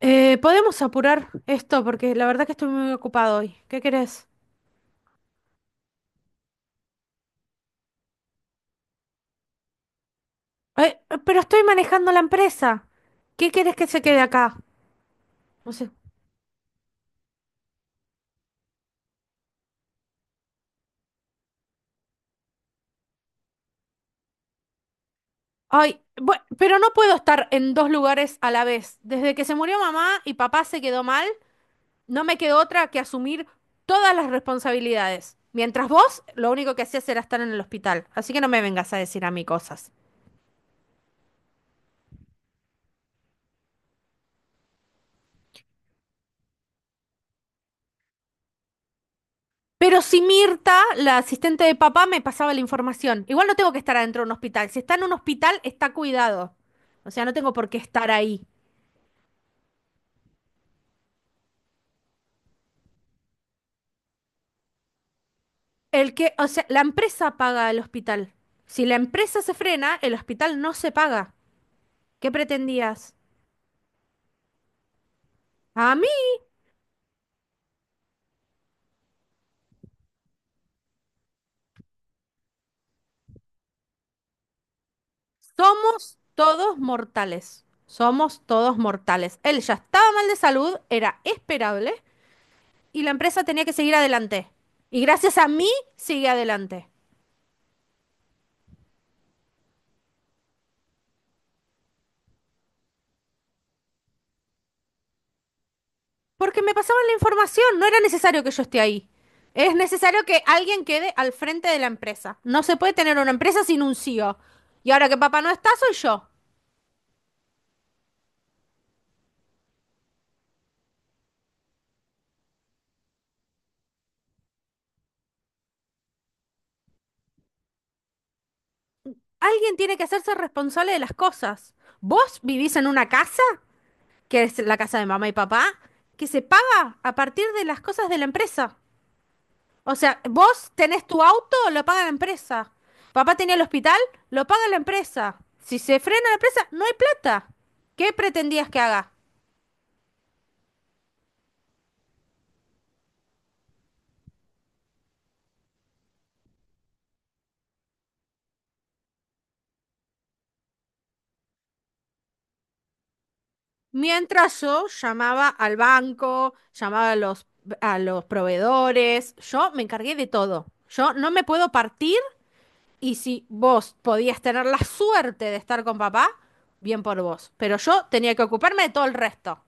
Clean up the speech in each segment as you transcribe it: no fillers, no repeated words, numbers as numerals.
Podemos apurar esto porque la verdad que estoy muy ocupado hoy. ¿Qué querés? Pero estoy manejando la empresa. ¿Qué querés que se quede acá? No sé. Ay, pero no puedo estar en dos lugares a la vez. Desde que se murió mamá y papá se quedó mal, no me quedó otra que asumir todas las responsabilidades. Mientras vos, lo único que hacías era estar en el hospital. Así que no me vengas a decir a mí cosas. Pero si Mirta, la asistente de papá, me pasaba la información. Igual no tengo que estar adentro de un hospital. Si está en un hospital, está cuidado. O sea, no tengo por qué estar ahí. El que, o sea, la empresa paga el hospital. Si la empresa se frena, el hospital no se paga. ¿Qué pretendías? A mí somos todos mortales. Somos todos mortales. Él ya estaba mal de salud, era esperable, y la empresa tenía que seguir adelante. Y gracias a mí, sigue adelante. Porque me pasaban la información, no era necesario que yo esté ahí. Es necesario que alguien quede al frente de la empresa. No se puede tener una empresa sin un CEO. Y ahora que papá no está, soy yo. Alguien tiene que hacerse responsable de las cosas. Vos vivís en una casa, que es la casa de mamá y papá, que se paga a partir de las cosas de la empresa. O sea, vos tenés tu auto, lo paga la empresa. Papá tenía el hospital, lo paga la empresa. Si se frena la empresa, no hay plata. ¿Qué pretendías que haga? Mientras yo llamaba al banco, llamaba a a los proveedores, yo me encargué de todo. Yo no me puedo partir y si vos podías tener la suerte de estar con papá, bien por vos. Pero yo tenía que ocuparme de todo el resto,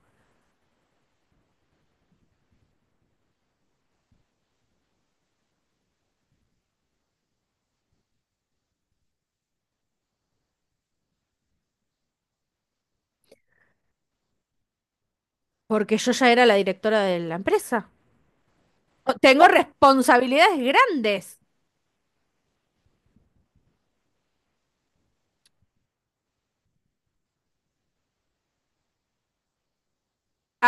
porque yo ya era la directora de la empresa. Tengo responsabilidades grandes.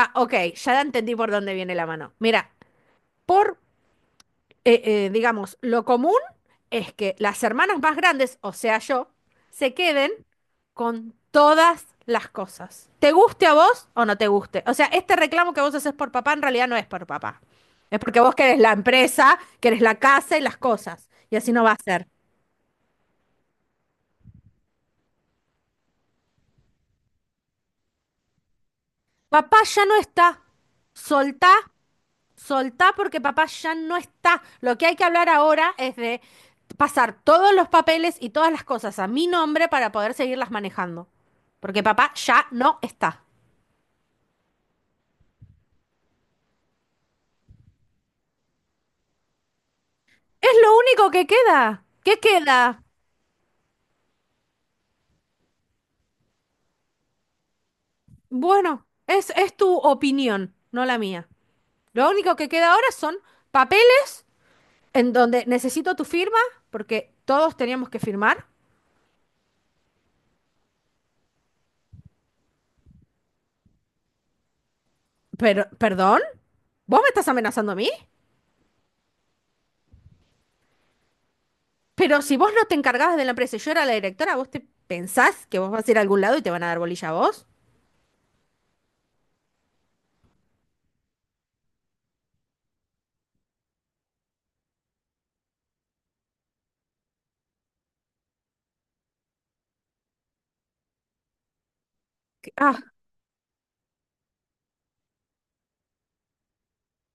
Ah, ok, ya entendí por dónde viene la mano. Mira, por digamos, lo común es que las hermanas más grandes, o sea yo, se queden con todas las cosas. ¿Te guste a vos o no te guste? O sea, este reclamo que vos haces por papá en realidad no es por papá. Es porque vos querés la empresa, querés la casa y las cosas. Y así no va a ser. Papá ya no está. Soltá. Soltá porque papá ya no está. Lo que hay que hablar ahora es de pasar todos los papeles y todas las cosas a mi nombre para poder seguirlas manejando. Porque papá ya no está. Es lo único que queda. ¿Qué queda? Bueno, es tu opinión, no la mía. Lo único que queda ahora son papeles en donde necesito tu firma, porque todos teníamos que firmar. Pero ¿perdón? ¿Vos me estás amenazando a mí? Pero si vos no te encargabas de la empresa y yo era la directora, ¿vos te pensás que vos vas a ir a algún lado y te van a dar bolilla a vos? Ah,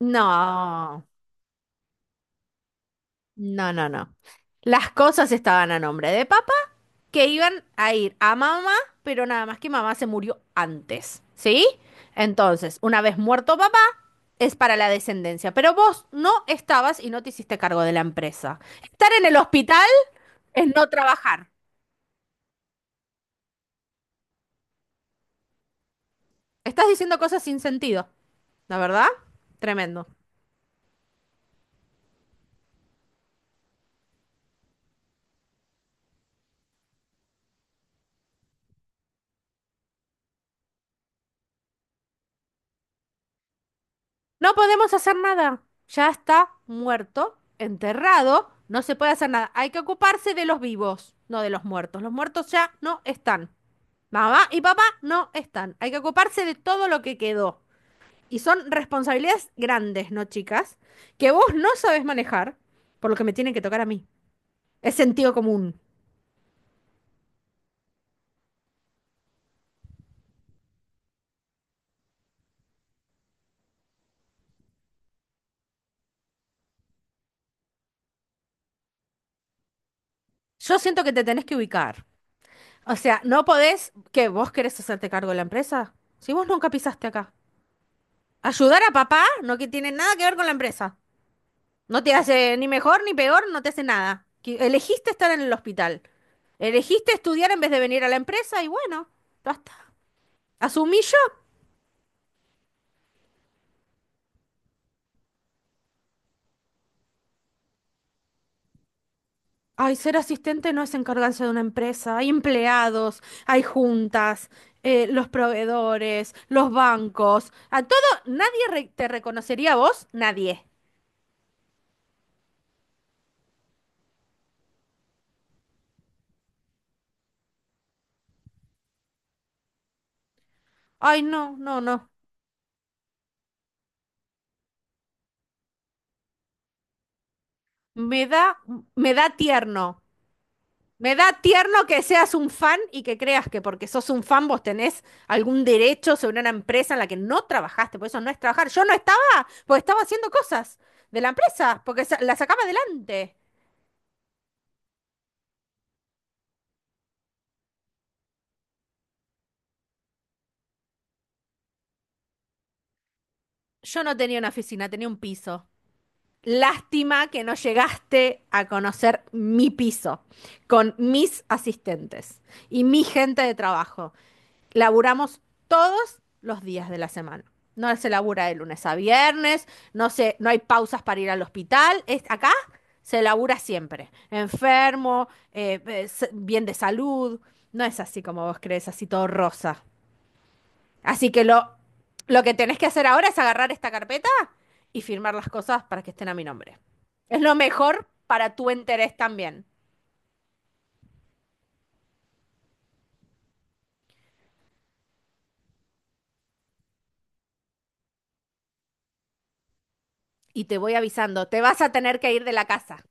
no, no, no, no. Las cosas estaban a nombre de papá, que iban a ir a mamá, pero nada más que mamá se murió antes, ¿sí? Entonces, una vez muerto papá, es para la descendencia, pero vos no estabas y no te hiciste cargo de la empresa. Estar en el hospital es no trabajar. Estás diciendo cosas sin sentido, la verdad. Tremendo. No podemos hacer nada. Ya está muerto, enterrado, no se puede hacer nada. Hay que ocuparse de los vivos, no de los muertos. Los muertos ya no están. Mamá y papá no están. Hay que ocuparse de todo lo que quedó. Y son responsabilidades grandes, ¿no, chicas? Que vos no sabés manejar, por lo que me tienen que tocar a mí. Es sentido común. Yo siento que te tenés que ubicar. O sea, no podés que vos querés hacerte cargo de la empresa. Si vos nunca pisaste acá. Ayudar a papá no que tiene nada que ver con la empresa. No te hace ni mejor ni peor, no te hace nada. Elegiste estar en el hospital. Elegiste estudiar en vez de venir a la empresa y bueno, basta. Asumí yo. Ay, ser asistente no es encargarse de una empresa. Hay empleados, hay juntas, los proveedores, los bancos. A todo, nadie re- te reconocería a vos, nadie. Ay, no, no, no. Me da, me da tierno. Me da tierno que seas un fan y que creas que porque sos un fan vos tenés algún derecho sobre una empresa en la que no trabajaste, por eso no es trabajar. Yo no estaba, porque estaba haciendo cosas de la empresa, porque la sacaba adelante. Yo no tenía una oficina, tenía un piso. Lástima que no llegaste a conocer mi piso con mis asistentes y mi gente de trabajo. Laburamos todos los días de la semana. No se labura de lunes a viernes, no hay pausas para ir al hospital. Es, acá se labura siempre. Enfermo, bien de salud. No es así como vos crees, así todo rosa. Así que lo que tenés que hacer ahora es agarrar esta carpeta y firmar las cosas para que estén a mi nombre. Es lo mejor para tu interés también. Y te voy avisando, te vas a tener que ir de la casa.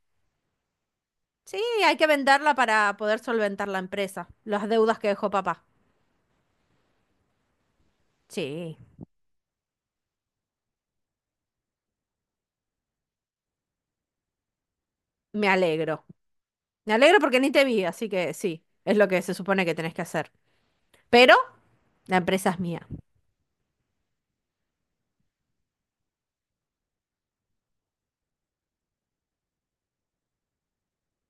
Sí, hay que venderla para poder solventar la empresa, las deudas que dejó papá. Sí, me alegro. Me alegro porque ni te vi, así que sí, es lo que se supone que tenés que hacer. Pero la empresa es mía.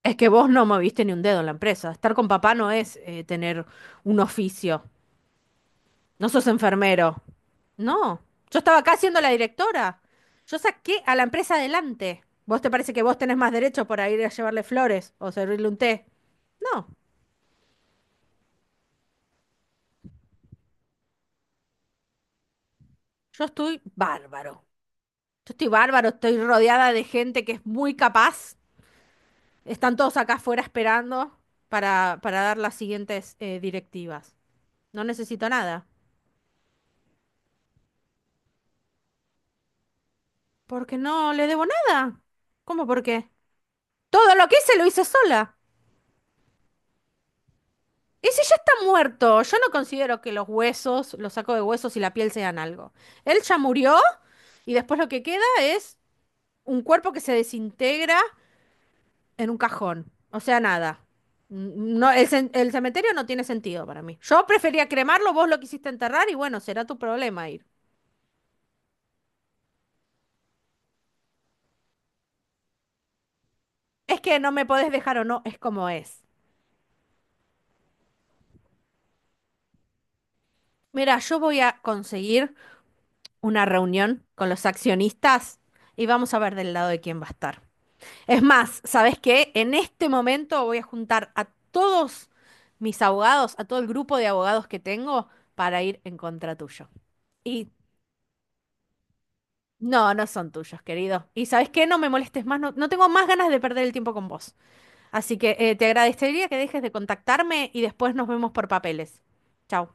Es que vos no moviste ni un dedo en la empresa. Estar con papá no es tener un oficio. No sos enfermero. No, yo estaba acá siendo la directora. Yo saqué a la empresa adelante. ¿Vos te parece que vos tenés más derecho por ir a llevarle flores o servirle un té? No, yo estoy bárbaro. Yo estoy bárbaro, estoy rodeada de gente que es muy capaz. Están todos acá afuera esperando para dar las siguientes directivas. No necesito nada. Porque no le debo nada. ¿Cómo por qué? Todo lo que hice lo hice sola. Y si ya está muerto, yo no considero que los huesos, los sacos de huesos y la piel sean algo. Él ya murió y después lo que queda es un cuerpo que se desintegra en un cajón. O sea, nada. Mm, no, el cementerio no tiene sentido para mí. Yo prefería cremarlo, vos lo quisiste enterrar y bueno, será tu problema ir. Es que no me podés dejar o no, es como es. Mira, yo voy a conseguir una reunión con los accionistas y vamos a ver del lado de quién va a estar. Es más, ¿sabés qué? En este momento voy a juntar a todos mis abogados, a todo el grupo de abogados que tengo para ir en contra tuyo. Y no, no son tuyos, querido. Y ¿sabes qué? No me molestes más, no, no tengo más ganas de perder el tiempo con vos. Así que te agradecería que dejes de contactarme y después nos vemos por papeles. Chau.